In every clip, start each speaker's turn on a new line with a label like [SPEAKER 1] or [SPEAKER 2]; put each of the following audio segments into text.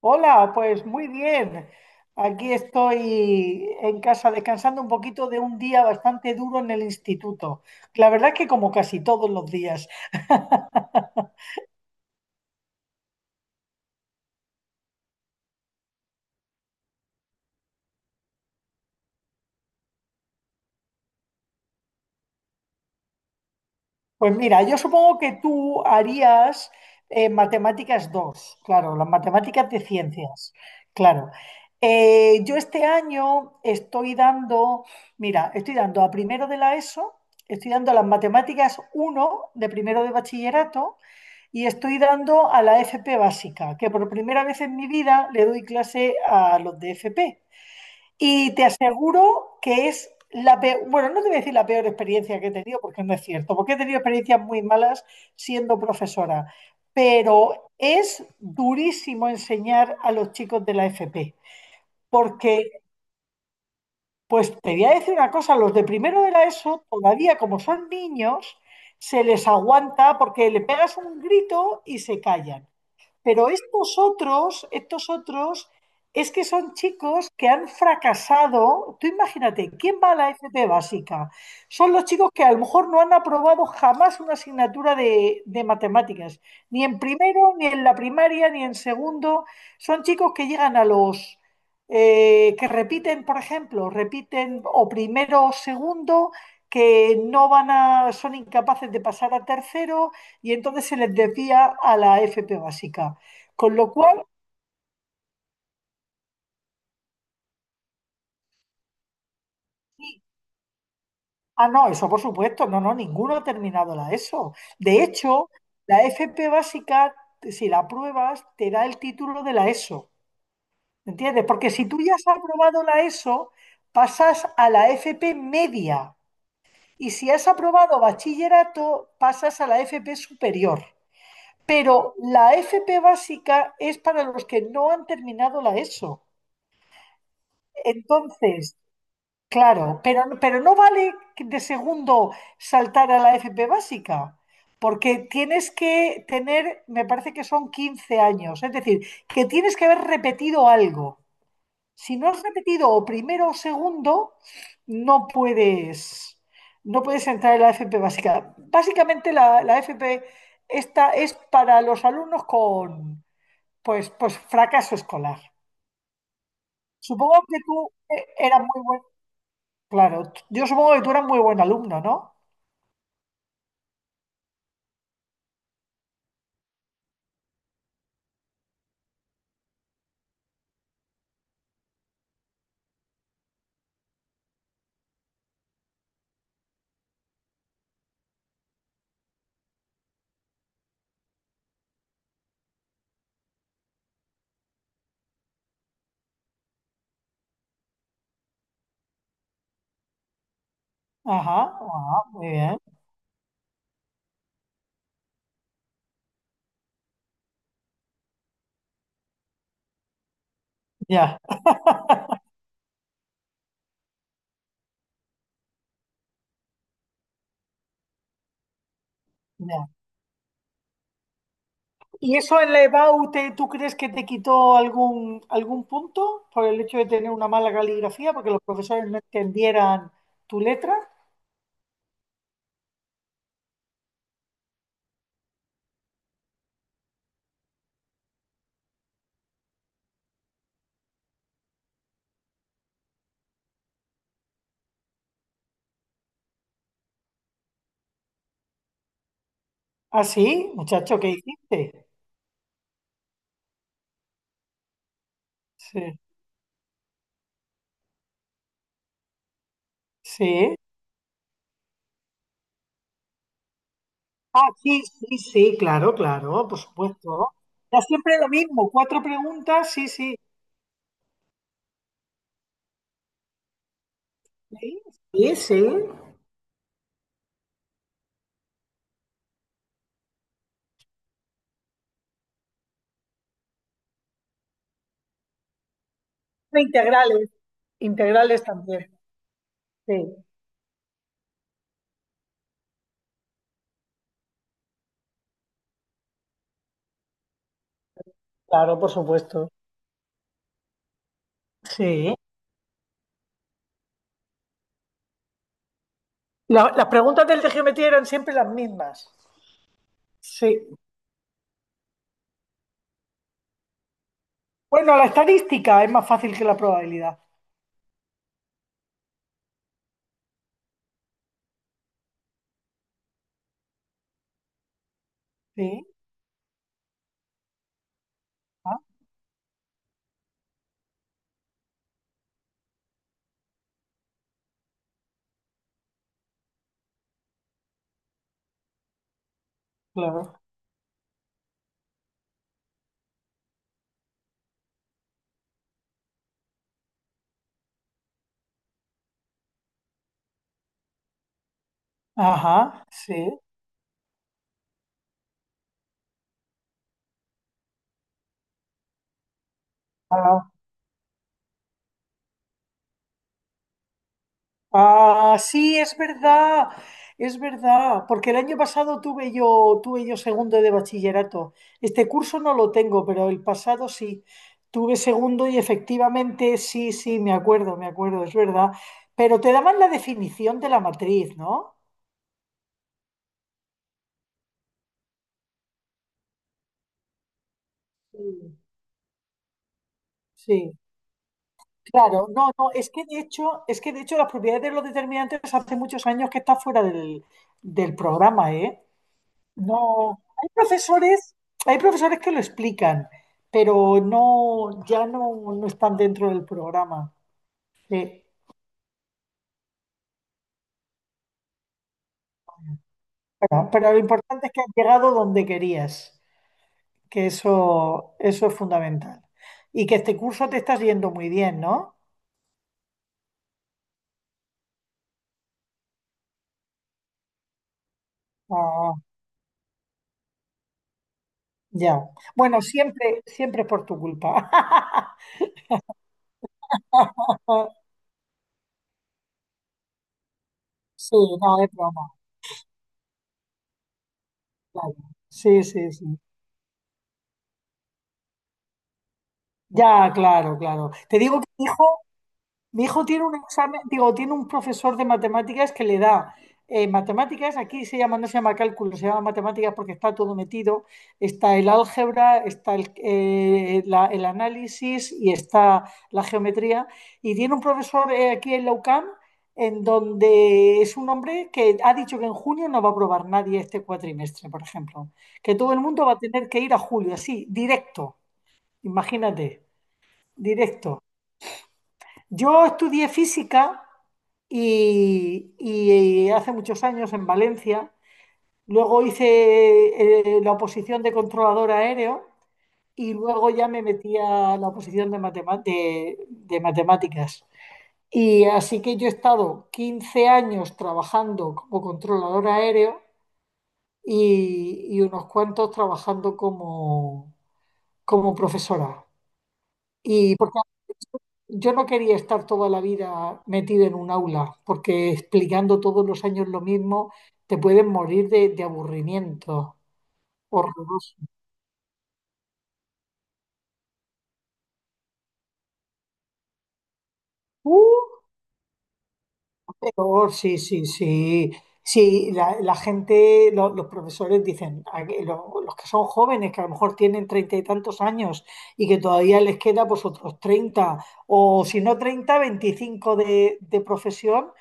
[SPEAKER 1] Hola, pues muy bien. Aquí estoy en casa descansando un poquito de un día bastante duro en el instituto. La verdad es que como casi todos los días. Pues mira, yo supongo que tú harías matemáticas 2, claro, las matemáticas de ciencias, claro. Yo este año estoy dando, mira, estoy dando a primero de la ESO, estoy dando las matemáticas uno de primero de bachillerato y estoy dando a la FP básica, que por primera vez en mi vida le doy clase a los de FP. Y te aseguro que es la peor, bueno, no te voy a decir la peor experiencia que he tenido, porque no es cierto, porque he tenido experiencias muy malas siendo profesora, pero es durísimo enseñar a los chicos de la FP, porque, pues te voy a decir una cosa, los de primero de la ESO, todavía como son niños, se les aguanta porque le pegas un grito y se callan. Pero estos otros, es que son chicos que han fracasado. Tú imagínate, ¿quién va a la FP básica? Son los chicos que a lo mejor no han aprobado jamás una asignatura de matemáticas, ni en primero, ni en la primaria, ni en segundo. Son chicos que llegan a los... que repiten, por ejemplo, repiten o primero o segundo, que no van a, son incapaces de pasar a tercero y entonces se les desvía a la FP básica. Con lo cual, sí. Ah, no, eso por supuesto, no, no, ninguno ha terminado la ESO. De hecho, la FP básica, si la apruebas, te da el título de la ESO, ¿entiendes? Porque si tú ya has aprobado la ESO, pasas a la FP media. Y si has aprobado bachillerato, pasas a la FP superior. Pero la FP básica es para los que no han terminado la ESO. Entonces, claro, pero no vale que de segundo saltar a la FP básica, porque tienes que tener, me parece que son 15 años, es decir, que tienes que haber repetido algo. Si no has repetido o primero o segundo, no puedes, no puedes entrar en la FP básica. Básicamente la FP esta es para los alumnos con pues fracaso escolar. Supongo que tú eras muy bueno. Claro, yo supongo que tú eras muy buen alumno, ¿no? Ajá, ajá, muy bien. Ya, ya. ¿Y eso en la EBAU tú crees que te quitó algún punto por el hecho de tener una mala caligrafía, porque los profesores no entendieran tu letra? Ah, sí, muchacho, ¿qué hiciste? Sí, sí. Ah, sí, sí, sí, claro, claro, por supuesto. Ya siempre lo mismo, cuatro preguntas, sí, sí. Sí, sí. Sí. Integrales, integrales también. Sí, claro, por supuesto. Sí. Las preguntas del de geometría eran siempre las mismas. Sí. Bueno, la estadística es más fácil que la probabilidad. Sí. Ah, claro. Ajá, sí. Ah, ah, sí, es verdad. Es verdad. Porque el año pasado tuve yo segundo de bachillerato. Este curso no lo tengo, pero el pasado sí. Tuve segundo y efectivamente sí, sí, me acuerdo, es verdad. Pero te daban la definición de la matriz, ¿no? Sí. Sí. Claro, no, no, es que de hecho las propiedades de los determinantes hace muchos años que está fuera del programa, ¿eh? No, hay profesores que lo explican, pero no, ya no, no están dentro del programa. Sí, pero lo importante es que has llegado donde querías, que eso es fundamental. Y que este curso te estás yendo muy bien, ¿no? Ah, ya. Bueno, siempre, siempre es por tu culpa. Sí, no, es broma, claro. Sí, sí, sí. Ya, claro, claro. Te digo que mi hijo Mi hijo tiene un examen, digo, tiene un profesor de matemáticas que le da matemáticas, aquí se llama, no se llama cálculo, se llama matemáticas porque está todo metido, está el álgebra, está el análisis y está la geometría. Y tiene un profesor aquí en la UCAM en donde es un hombre que ha dicho que en junio no va a aprobar nadie este cuatrimestre, por ejemplo, que todo el mundo va a tener que ir a julio, así, directo, imagínate, directo. Yo estudié física y hace muchos años en Valencia. Luego hice la oposición de controlador aéreo y luego ya me metí a la oposición de matemáticas. Y así que yo he estado 15 años trabajando como controlador aéreo y unos cuantos trabajando como profesora. Y porque yo no quería estar toda la vida metido en un aula, porque explicando todos los años lo mismo, te puedes morir de aburrimiento. Horroroso. Uh, peor, sí, sí, sí. Sí, la gente, los profesores dicen, a que los que son jóvenes, que a lo mejor tienen 30 y tantos años y que todavía les queda pues otros 30, o si no 30, 25 de profesión,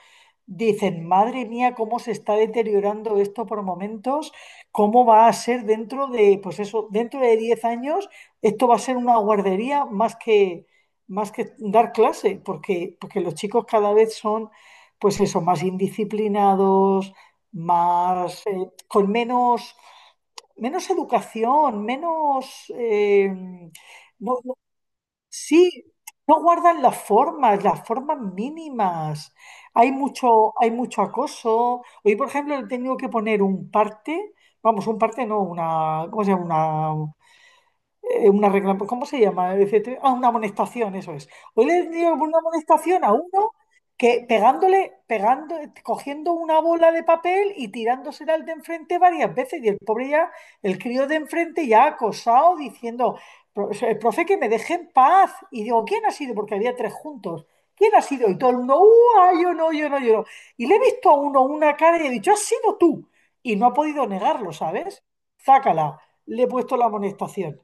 [SPEAKER 1] dicen, madre mía, cómo se está deteriorando esto por momentos, cómo va a ser dentro de, pues eso, dentro de 10 años, esto va a ser una guardería más que dar clase, porque los chicos cada vez son, pues eso, más indisciplinados, más, con menos educación, menos, no, sí, no guardan las formas mínimas. Hay mucho acoso. Hoy, por ejemplo, le he tenido que poner un parte, vamos, un parte no, una, ¿cómo se llama? Una regla, pues, ¿cómo se llama? Etcétera. Ah, una amonestación, eso es. Hoy le dio una amonestación a uno que pegándole, pegando, cogiendo una bola de papel y tirándosela al de enfrente varias veces. Y el pobre ya, el crío de enfrente ya acosado, diciendo, profe, que me deje en paz". Y digo, ¿quién ha sido? Porque había tres juntos. ¿Quién ha sido? Y todo el mundo, ah, yo no, yo no, yo no". Y le he visto a uno una cara y he dicho, has sido tú. Y no ha podido negarlo, ¿sabes? Zácala, le he puesto la amonestación.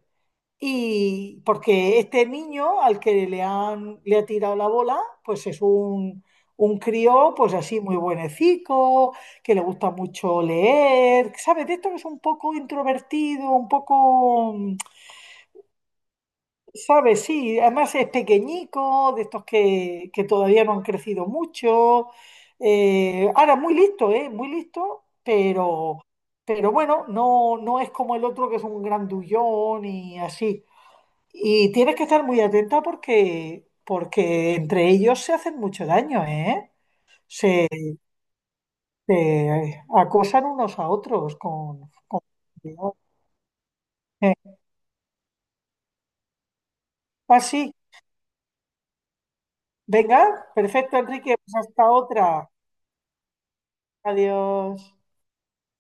[SPEAKER 1] Y porque este niño al que le han, le ha tirado la bola, pues es un crío, pues así muy buenecico, que le gusta mucho leer, ¿sabes? De esto que es un poco introvertido, un poco, ¿sabes? Sí, además es pequeñico, de estos que todavía no han crecido mucho. Ahora, muy listo, ¿eh? Muy listo, pero, bueno, no es como el otro que es un grandullón y así. Y tienes que estar muy atenta porque entre ellos se hacen mucho daño, ¿eh? Se, se acosan unos a otros. Eh, Ah, sí. Venga, perfecto, Enrique. Pues hasta otra. Adiós.